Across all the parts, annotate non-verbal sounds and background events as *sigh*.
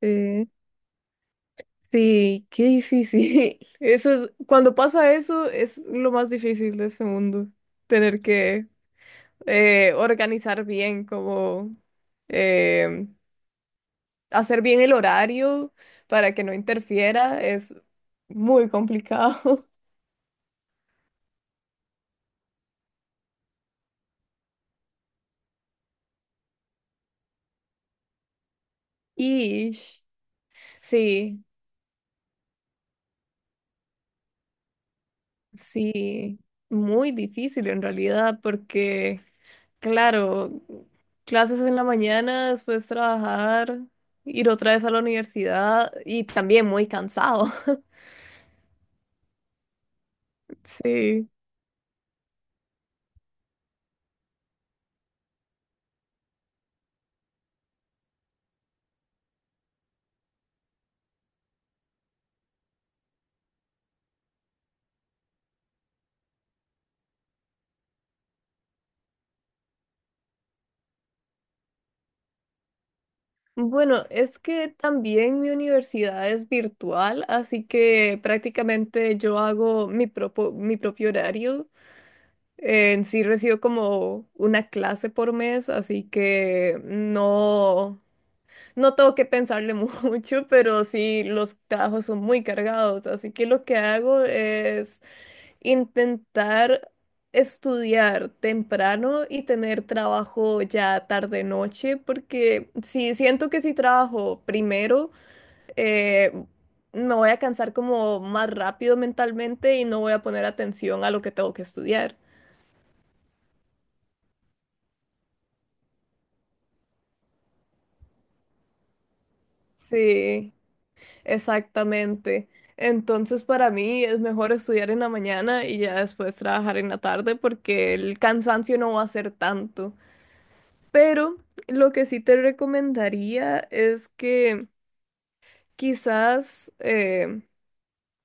Eh, sí, qué difícil. *laughs* Eso es, cuando pasa eso, es lo más difícil de este mundo. Tener que organizar bien, como eh, hacer bien el horario para que no interfiera, es muy complicado. *laughs* Y sí, sí, muy difícil en realidad, porque claro, clases en la mañana, después trabajar, ir otra vez a la universidad y también muy cansado. *laughs* Sí. Bueno, es que también mi universidad es virtual, así que prácticamente yo hago mi mi propio horario. En sí recibo como una clase por mes, así que no tengo que pensarle *laughs* mucho, pero sí los trabajos son muy cargados, así que lo que hago es intentar estudiar temprano y tener trabajo ya tarde noche, porque si siento que si trabajo primero, eh, me voy a cansar como más rápido mentalmente y no voy a poner atención a lo que tengo que estudiar. Sí, exactamente. Entonces para mí es mejor estudiar en la mañana y ya después trabajar en la tarde porque el cansancio no va a ser tanto. Pero lo que sí te recomendaría es que quizás,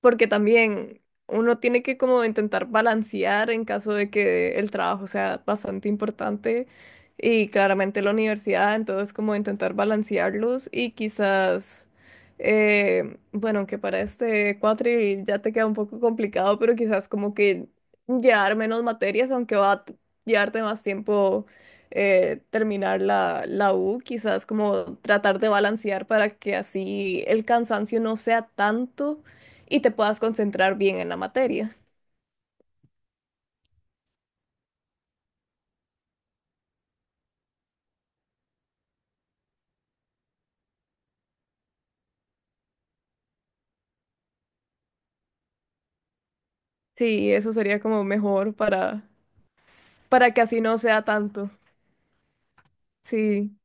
porque también uno tiene que como intentar balancear en caso de que el trabajo sea bastante importante y claramente la universidad, entonces como intentar balancearlos y quizás, bueno, que para este cuatri ya te queda un poco complicado, pero quizás como que llevar menos materias, aunque llevarte más tiempo. Terminar la U, quizás como tratar de balancear para que así el cansancio no sea tanto y te puedas concentrar bien en la materia. Sí, eso sería como mejor para que así no sea tanto. Sí.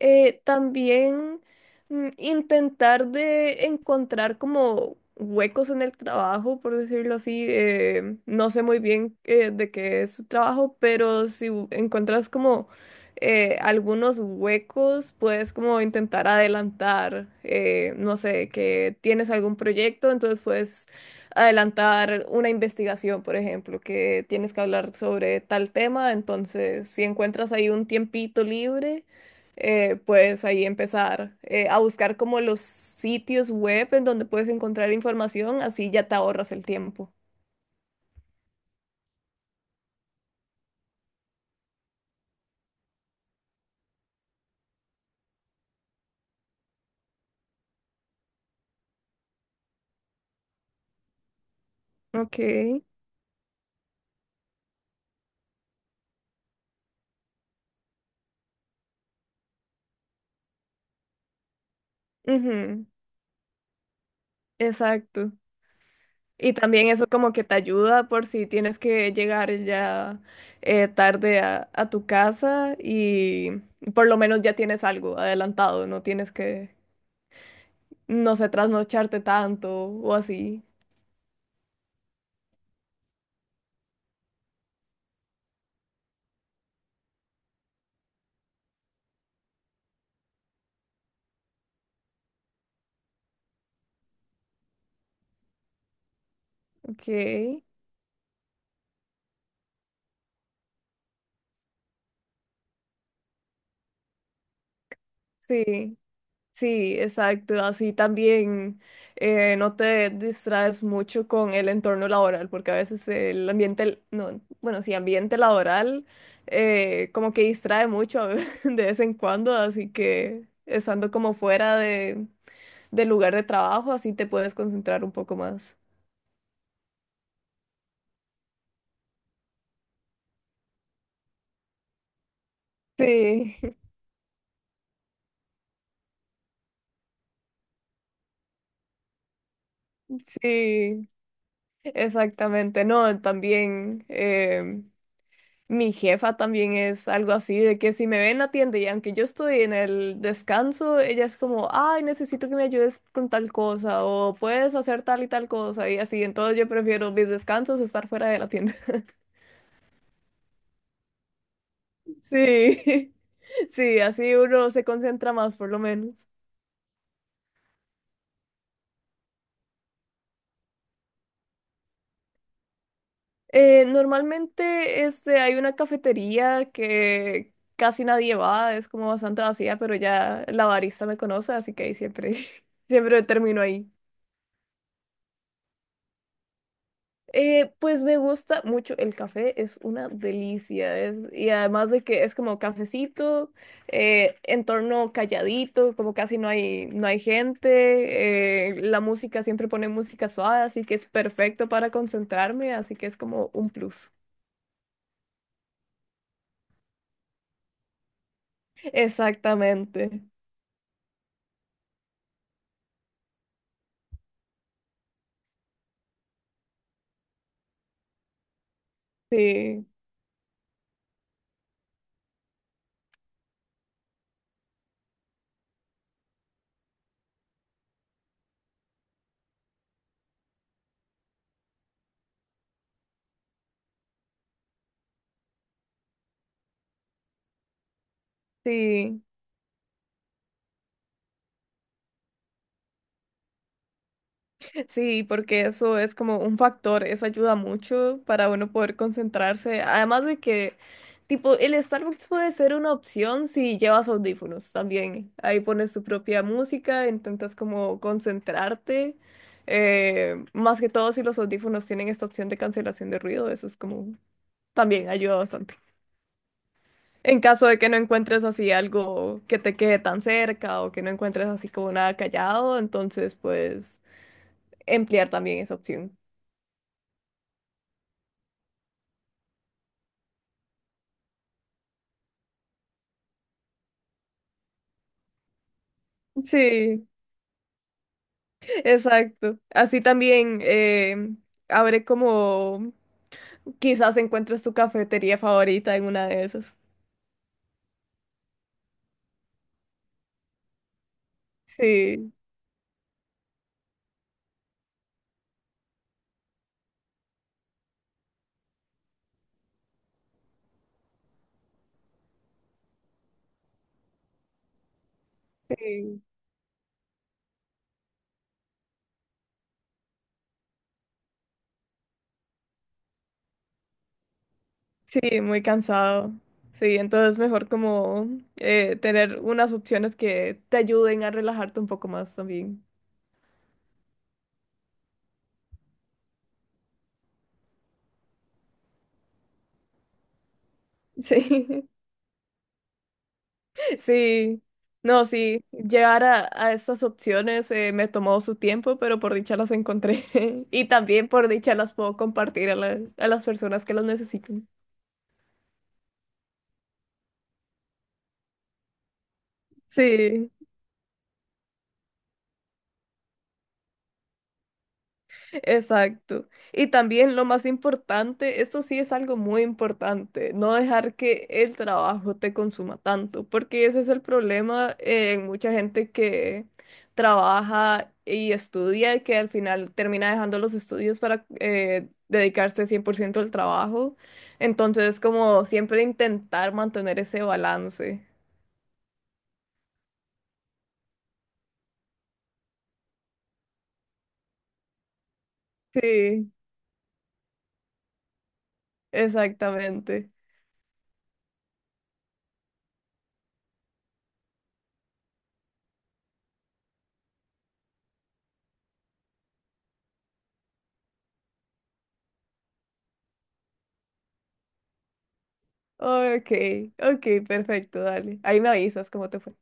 También intentar de encontrar como huecos en el trabajo, por decirlo así. No sé muy bien de qué es su trabajo, pero si u- encuentras como algunos huecos, puedes como intentar adelantar, no sé, que tienes algún proyecto, entonces puedes adelantar una investigación, por ejemplo, que tienes que hablar sobre tal tema, entonces si encuentras ahí un tiempito libre puedes ahí empezar a buscar como los sitios web en donde puedes encontrar información, así ya te ahorras el tiempo. Ok. Ujú. Exacto. Y también eso como que te ayuda por si tienes que llegar ya tarde a tu casa y por lo menos ya tienes algo adelantado, no tienes que, no sé, trasnocharte tanto o así. Ok. Sí, sí, exacto. Así también no te distraes mucho con el entorno laboral, porque a veces el ambiente, no, bueno, sí, ambiente laboral como que distrae mucho *laughs* de vez en cuando, así que estando como fuera de, del lugar de trabajo, así te puedes concentrar un poco más. Sí, *laughs* sí, exactamente. No, también. Mi jefa también es algo así, de que si me ve en la tienda y aunque yo estoy en el descanso, ella es como, ay, necesito que me ayudes con tal cosa o puedes hacer tal y tal cosa y así. Entonces yo prefiero mis descansos estar fuera de la tienda. *laughs* Sí, *laughs* sí, así uno se concentra más por lo menos. Normalmente este, hay una cafetería que casi nadie va, es como bastante vacía, pero ya la barista me conoce, así que ahí siempre, *laughs* siempre termino ahí. Pues me gusta mucho el café, es una delicia, es, y además de que es como cafecito, entorno calladito, como casi no hay, no hay gente, la música siempre pone música suave, así que es perfecto para concentrarme, así que es como un plus. Exactamente, sí, sí. Sí, porque eso es como un factor, eso ayuda mucho para uno poder concentrarse. Además de que, tipo, el Starbucks puede ser una opción si llevas audífonos también. Ahí pones tu propia música, intentas como concentrarte. Más que todo si los audífonos tienen esta opción de cancelación de ruido, eso es como también ayuda bastante. En caso de que no encuentres así algo que te quede tan cerca o que no encuentres así como nada callado, entonces pues emplear también esa opción. Sí, exacto. Así también abre como quizás encuentres tu cafetería favorita en una de esas. Sí, sí, sí, muy cansado. Sí, entonces mejor como tener unas opciones que te ayuden a relajarte un poco más también. Sí, *laughs* sí. No, sí, llegar a estas opciones me tomó su tiempo, pero por dicha las encontré. *laughs* Y también por dicha las puedo compartir a las personas que las necesitan. Sí, exacto. Y también lo más importante, esto sí es algo muy importante, no dejar que el trabajo te consuma tanto, porque ese es el problema en mucha gente que trabaja y estudia y que al final termina dejando los estudios para dedicarse 100% al trabajo. Entonces, como siempre intentar mantener ese balance. Sí, exactamente. Ok, ok, perfecto, dale. Ahí me avisas cómo te fue.